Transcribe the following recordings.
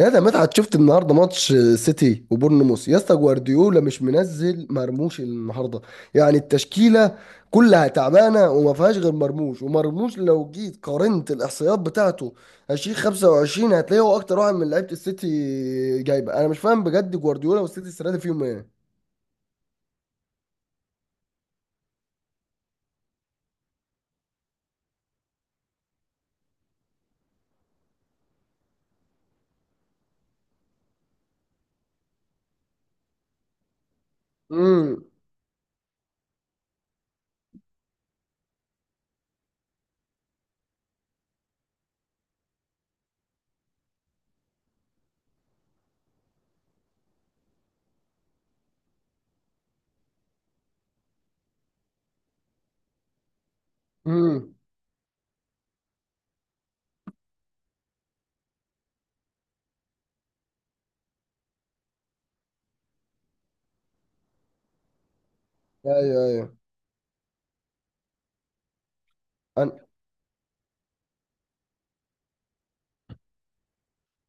يا ده مدحت، شفت النهارده ماتش سيتي وبورنموث؟ يا اسطى، جوارديولا مش منزل مرموش النهارده، يعني التشكيله كلها تعبانه وما فيهاش غير مرموش. ومرموش لو جيت قارنت الاحصائيات بتاعته 20 25 هتلاقيه هو اكتر واحد من لعيبه السيتي جايبه. انا مش فاهم بجد، جوارديولا والسيتي السنه دي فيهم ايه؟ امم. امم. ايوه، ايوه. أنا-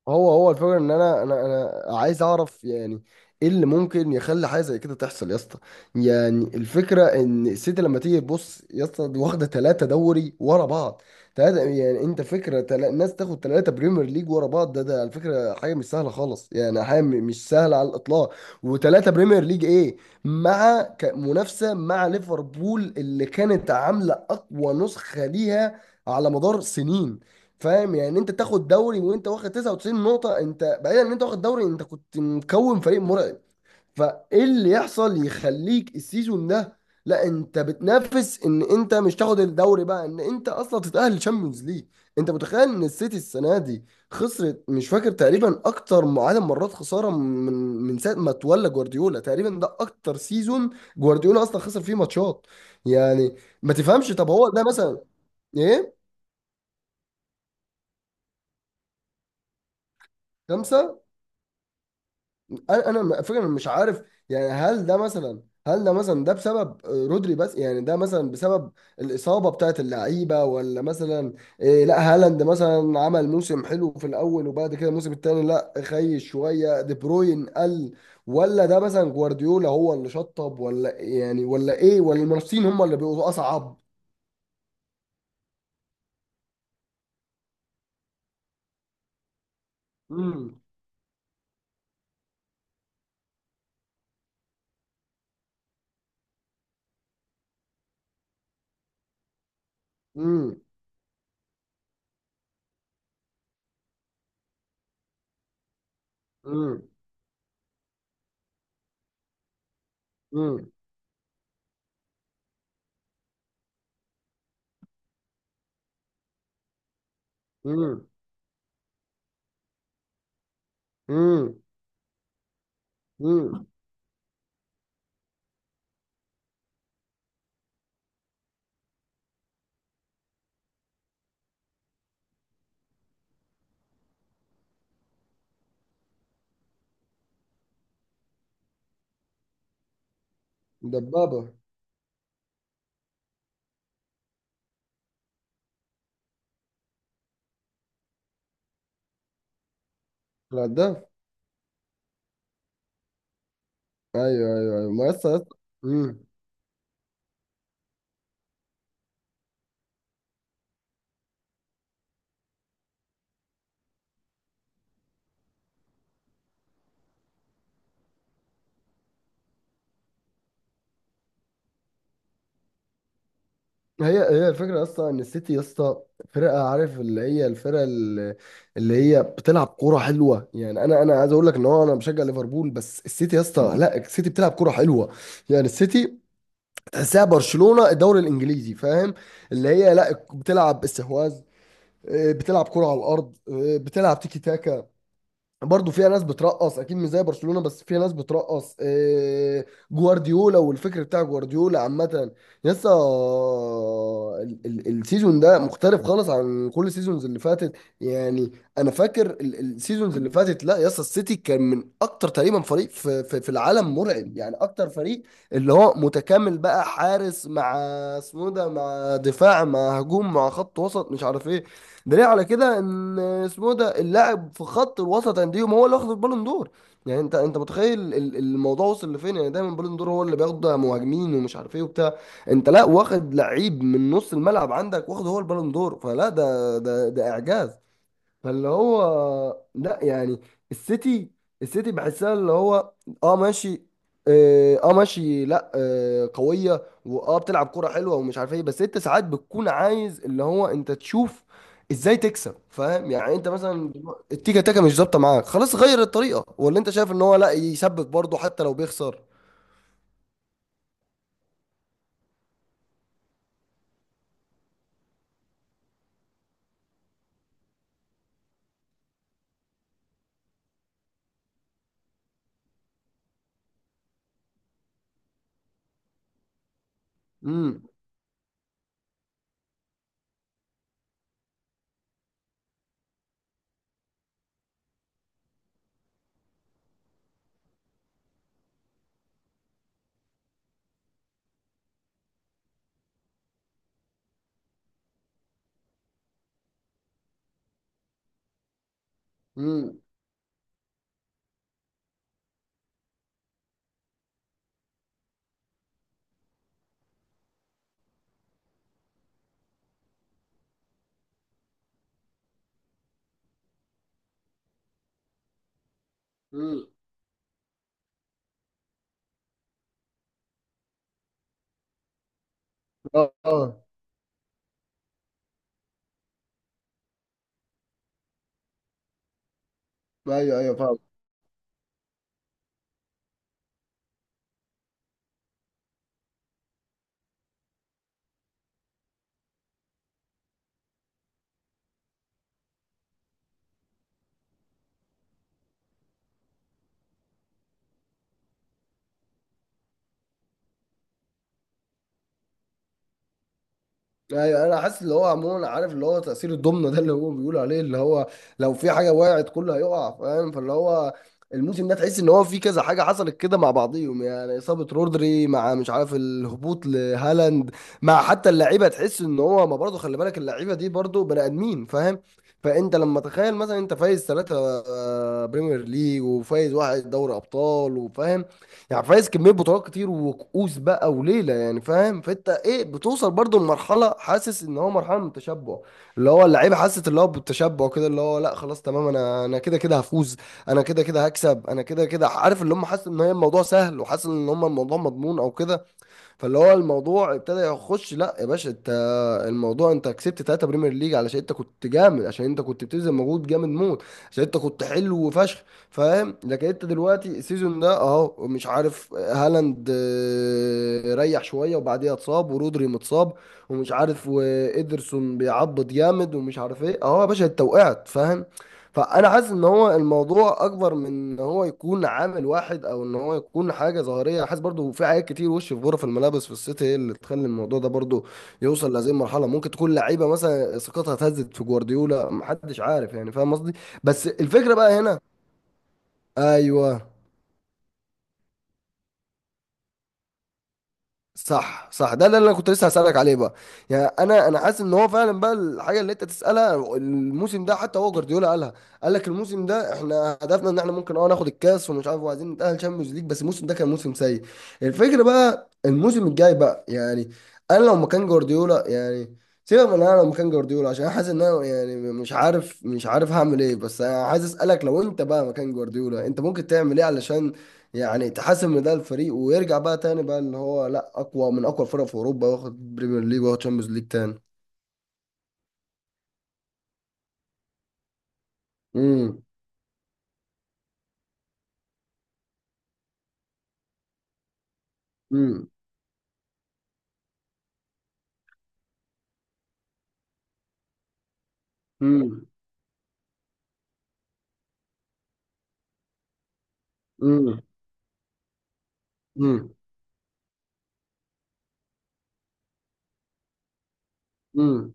هو الفكرة ان انا عايز اعرف، يعني ايه اللي ممكن يخلي حاجة زي كده تحصل يا اسطى؟ يعني الفكرة ان السيتي، لما تيجي تبص يا اسطى، دي واخدة ثلاثة دوري ورا بعض. ثلاثة، يعني انت فكرة الناس تاخد ثلاثة بريمير ليج ورا بعض، ده على فكرة حاجة مش سهلة خالص، يعني حاجة مش سهلة على الاطلاق. وثلاثة بريمير ليج ايه، مع منافسة مع ليفربول اللي كانت عاملة اقوى نسخة ليها على مدار سنين. فاهم؟ يعني انت تاخد دوري وانت واخد 99 نقطة، انت بعيدا ان انت واخد دوري، انت كنت مكون فريق مرعب. فايه اللي يحصل يخليك السيزون ده، لا انت بتنافس ان انت مش تاخد الدوري بقى، ان انت اصلا تتأهل تشامبيونز ليج؟ انت متخيل ان السيتي السنة دي خسرت؟ مش فاكر تقريبا اكتر عدد مرات خسارة من ساعة ما تولى جوارديولا، تقريبا ده اكتر سيزون جوارديولا اصلا خسر فيه ماتشات. يعني ما تفهمش؟ طب هو ده مثلا؟ ايه؟ خمسة؟ انا فكرة مش عارف. يعني هل ده مثلا، ده بسبب رودري بس، يعني ده مثلا بسبب الإصابة بتاعت اللعيبة، ولا مثلا إيه، لا هالاند مثلا عمل موسم حلو في الأول وبعد كده الموسم التاني لا خيش شوية، دي بروين قل، ولا ده مثلا جوارديولا هو اللي شطب، ولا يعني ولا إيه، ولا المنافسين هم اللي بيبقوا أصعب؟ امم. امم. امم. امم. امم. امم. دبابة. لا. ايوه، ايوه، ايوه، ما يسطا يسطا. امم. هي هي الفكره اصلا ان السيتي يسطا فرقه، عارف اللي هي الفرقه اللي هي بتلعب كوره حلوه، يعني انا عايز اقول لك ان هو انا بشجع ليفربول، بس السيتي يسطا، لا، السيتي بتلعب كوره حلوه. يعني السيتي تحسها برشلونه الدوري الانجليزي، فاهم؟ اللي هي لا، بتلعب استحواذ، بتلعب كوره على الارض، بتلعب تيكي تاكا. برضه فيها ناس بترقص، اكيد مش زي برشلونه، بس فيها ناس بترقص إيه، جوارديولا والفكر بتاع جوارديولا عامه لسه. السيزون ده مختلف خالص عن كل السيزونز اللي فاتت. يعني انا فاكر السيزونز اللي فاتت، لا يسطا، السيتي كان من اكتر تقريبا فريق في العالم مرعب، يعني اكتر فريق اللي هو متكامل بقى، حارس مع اسمه ده، مع دفاع، مع هجوم، مع خط وسط، مش عارف ايه. دليل على كده، ان اسمه ده اللاعب في خط الوسط انديهم هو اللي واخد البالون دور. يعني انت متخيل الموضوع وصل لفين، يعني دايما البالون دور هو اللي بياخد مهاجمين ومش عارف ايه وبتاع. انت لا، واخد لعيب من نص الملعب عندك واخد هو البالون دور، فلا ده اعجاز. فاللي هو لا يعني، السيتي السيتي بحسها اللي هو اه ماشي، اه ماشي، لا قوية، واه بتلعب كرة حلوة ومش عارف ايه، بس انت ساعات بتكون عايز اللي هو انت تشوف ازاي تكسب، فاهم؟ يعني انت مثلا دلوقتي التيكا تاكا مش ظابطة معاك، خلاص غير الطريقة، ولا انت شايف ان هو لا، يسبك برضه حتى لو بيخسر؟ امم. امم. امم. اه. آه. ايوه، ايوه، فاهم. ايوه، انا حاسس اللي هو عموما، عارف اللي هو تأثير الضمنة ده اللي هو بيقول عليه، اللي هو لو في حاجة وقعت كله هيقع، فاهم؟ فاللي هو الموسم ده تحس ان هو في كذا حاجة حصلت كده مع بعضيهم، يعني إصابة رودري، مع مش عارف الهبوط لهالاند، مع حتى اللعيبة تحس ان هو، ما برضه خلي بالك اللعيبة دي برضه بني آدمين، فاهم؟ فانت لما تخيل مثلا انت فايز ثلاثة بريمير ليج وفايز واحد دوري ابطال، وفاهم يعني فايز كميه بطولات كتير وكؤوس بقى وليله يعني، فاهم؟ فانت ايه، بتوصل برضو لمرحله، حاسس ان هو مرحله من التشبع، اللي هو اللعيبه حاسه اللي هو بالتشبع كده، اللي هو لا خلاص تمام، انا كده كده هفوز، انا كده كده هكسب، انا كده كده عارف اللي هم، حاسس ان هي الموضوع سهل، وحاسس ان هم الموضوع مضمون او كده. فاللي هو الموضوع ابتدى يخش، لا يا باشا انت، الموضوع انت كسبت ثلاثة بريمير ليج علشان انت كنت جامد، عشان انت كنت بتبذل مجهود جامد موت، عشان انت كنت حلو وفشخ، فاهم؟ لكن انت دلوقتي السيزون ده اهو مش عارف، هالاند ريح شوية وبعديها اتصاب، ورودري متصاب، ومش عارف، وإيدرسون بيعبط جامد، ومش عارف ايه، اهو يا باشا انت وقعت، فاهم؟ فانا حاسس ان هو الموضوع اكبر من ان هو يكون عامل واحد، او ان هو يكون حاجه ظاهريه، حاسس برضو في حاجات كتير وش في غرف الملابس في السيتي هي اللي تخلي الموضوع ده برضو يوصل لهذه المرحله، ممكن تكون لعيبه مثلا ثقتها اتهزت في جوارديولا محدش عارف، يعني فاهم قصدي؟ بس الفكره بقى هنا. ايوه، صح، صح، ده اللي انا كنت لسه هسألك عليه بقى. يعني انا حاسس ان هو فعلا بقى الحاجه اللي انت تسألها، الموسم ده حتى هو جوارديولا قالها، قال لك الموسم ده احنا هدفنا ان احنا ممكن ناخد الكاس ومش عارف، وعايزين نتأهل تشامبيونز ليج، بس الموسم ده كان موسم سيء. الفكره بقى الموسم الجاي بقى، يعني انا لو مكان جوارديولا يعني، سيبك من انا لو مكان جوارديولا، عشان انا حاسس ان انا يعني مش عارف هعمل ايه، بس انا عايز اسالك، لو انت بقى مكان جوارديولا انت ممكن تعمل ايه علشان يعني تحسم ان ده الفريق، ويرجع بقى تاني بقى ان هو لا، اقوى من اقوى الفرق في اوروبا، واخد بريمير ليج واخد تشامبيونز ليج تاني. امم. امم. امم. امم. امم. امم.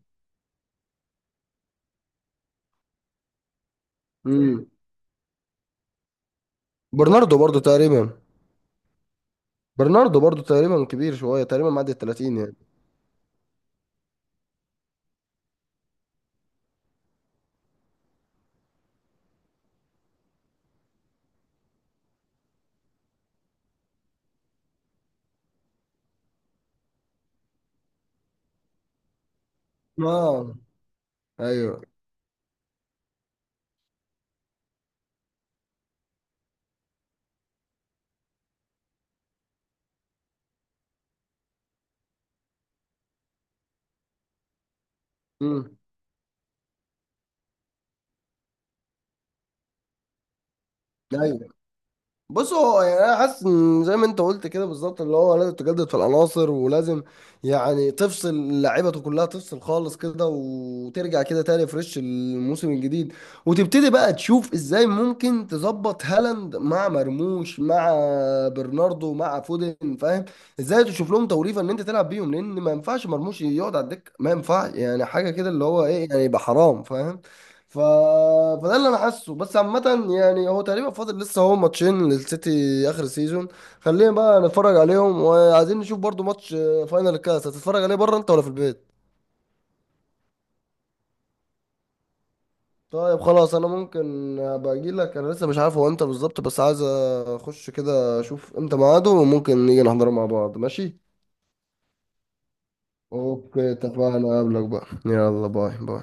امم. برناردو برضو تقريبا. برناردو برضو تقريبا كبير شويه، تقريبا معدي ال 30 يعني. اه. ايوه. امم. ايوه، بص هو يعني انا حاسس ان زي ما انت قلت كده بالظبط، اللي هو لازم تجدد في العناصر، ولازم يعني تفصل لعيبته كلها، تفصل خالص كده وترجع كده تاني فريش الموسم الجديد، وتبتدي بقى تشوف ازاي ممكن تظبط هالاند مع مرموش، مع برناردو، مع فودن، فاهم؟ ازاي تشوف لهم توليفه ان انت تلعب بيهم، لان ما ينفعش مرموش يقعد على الدكه، ما ينفعش يعني حاجه كده اللي هو ايه، يعني يبقى حرام، فاهم؟ ف... فده اللي انا حاسه، بس عامة يعني هو تقريبا فاضل لسه هو ماتشين للسيتي اخر سيزون. خلينا بقى نتفرج عليهم، وعايزين نشوف برضو ماتش فاينل الكاس. هتتفرج عليه بره انت ولا في البيت؟ طيب خلاص، انا ممكن ابقى اجي لك، انا لسه مش عارف هو امتى بالظبط، بس عايز اخش كده اشوف امتى ميعاده، وممكن نيجي نحضره مع بعض، ماشي. اوكي، اتفقنا، اقابلك بقى، يلا باي باي.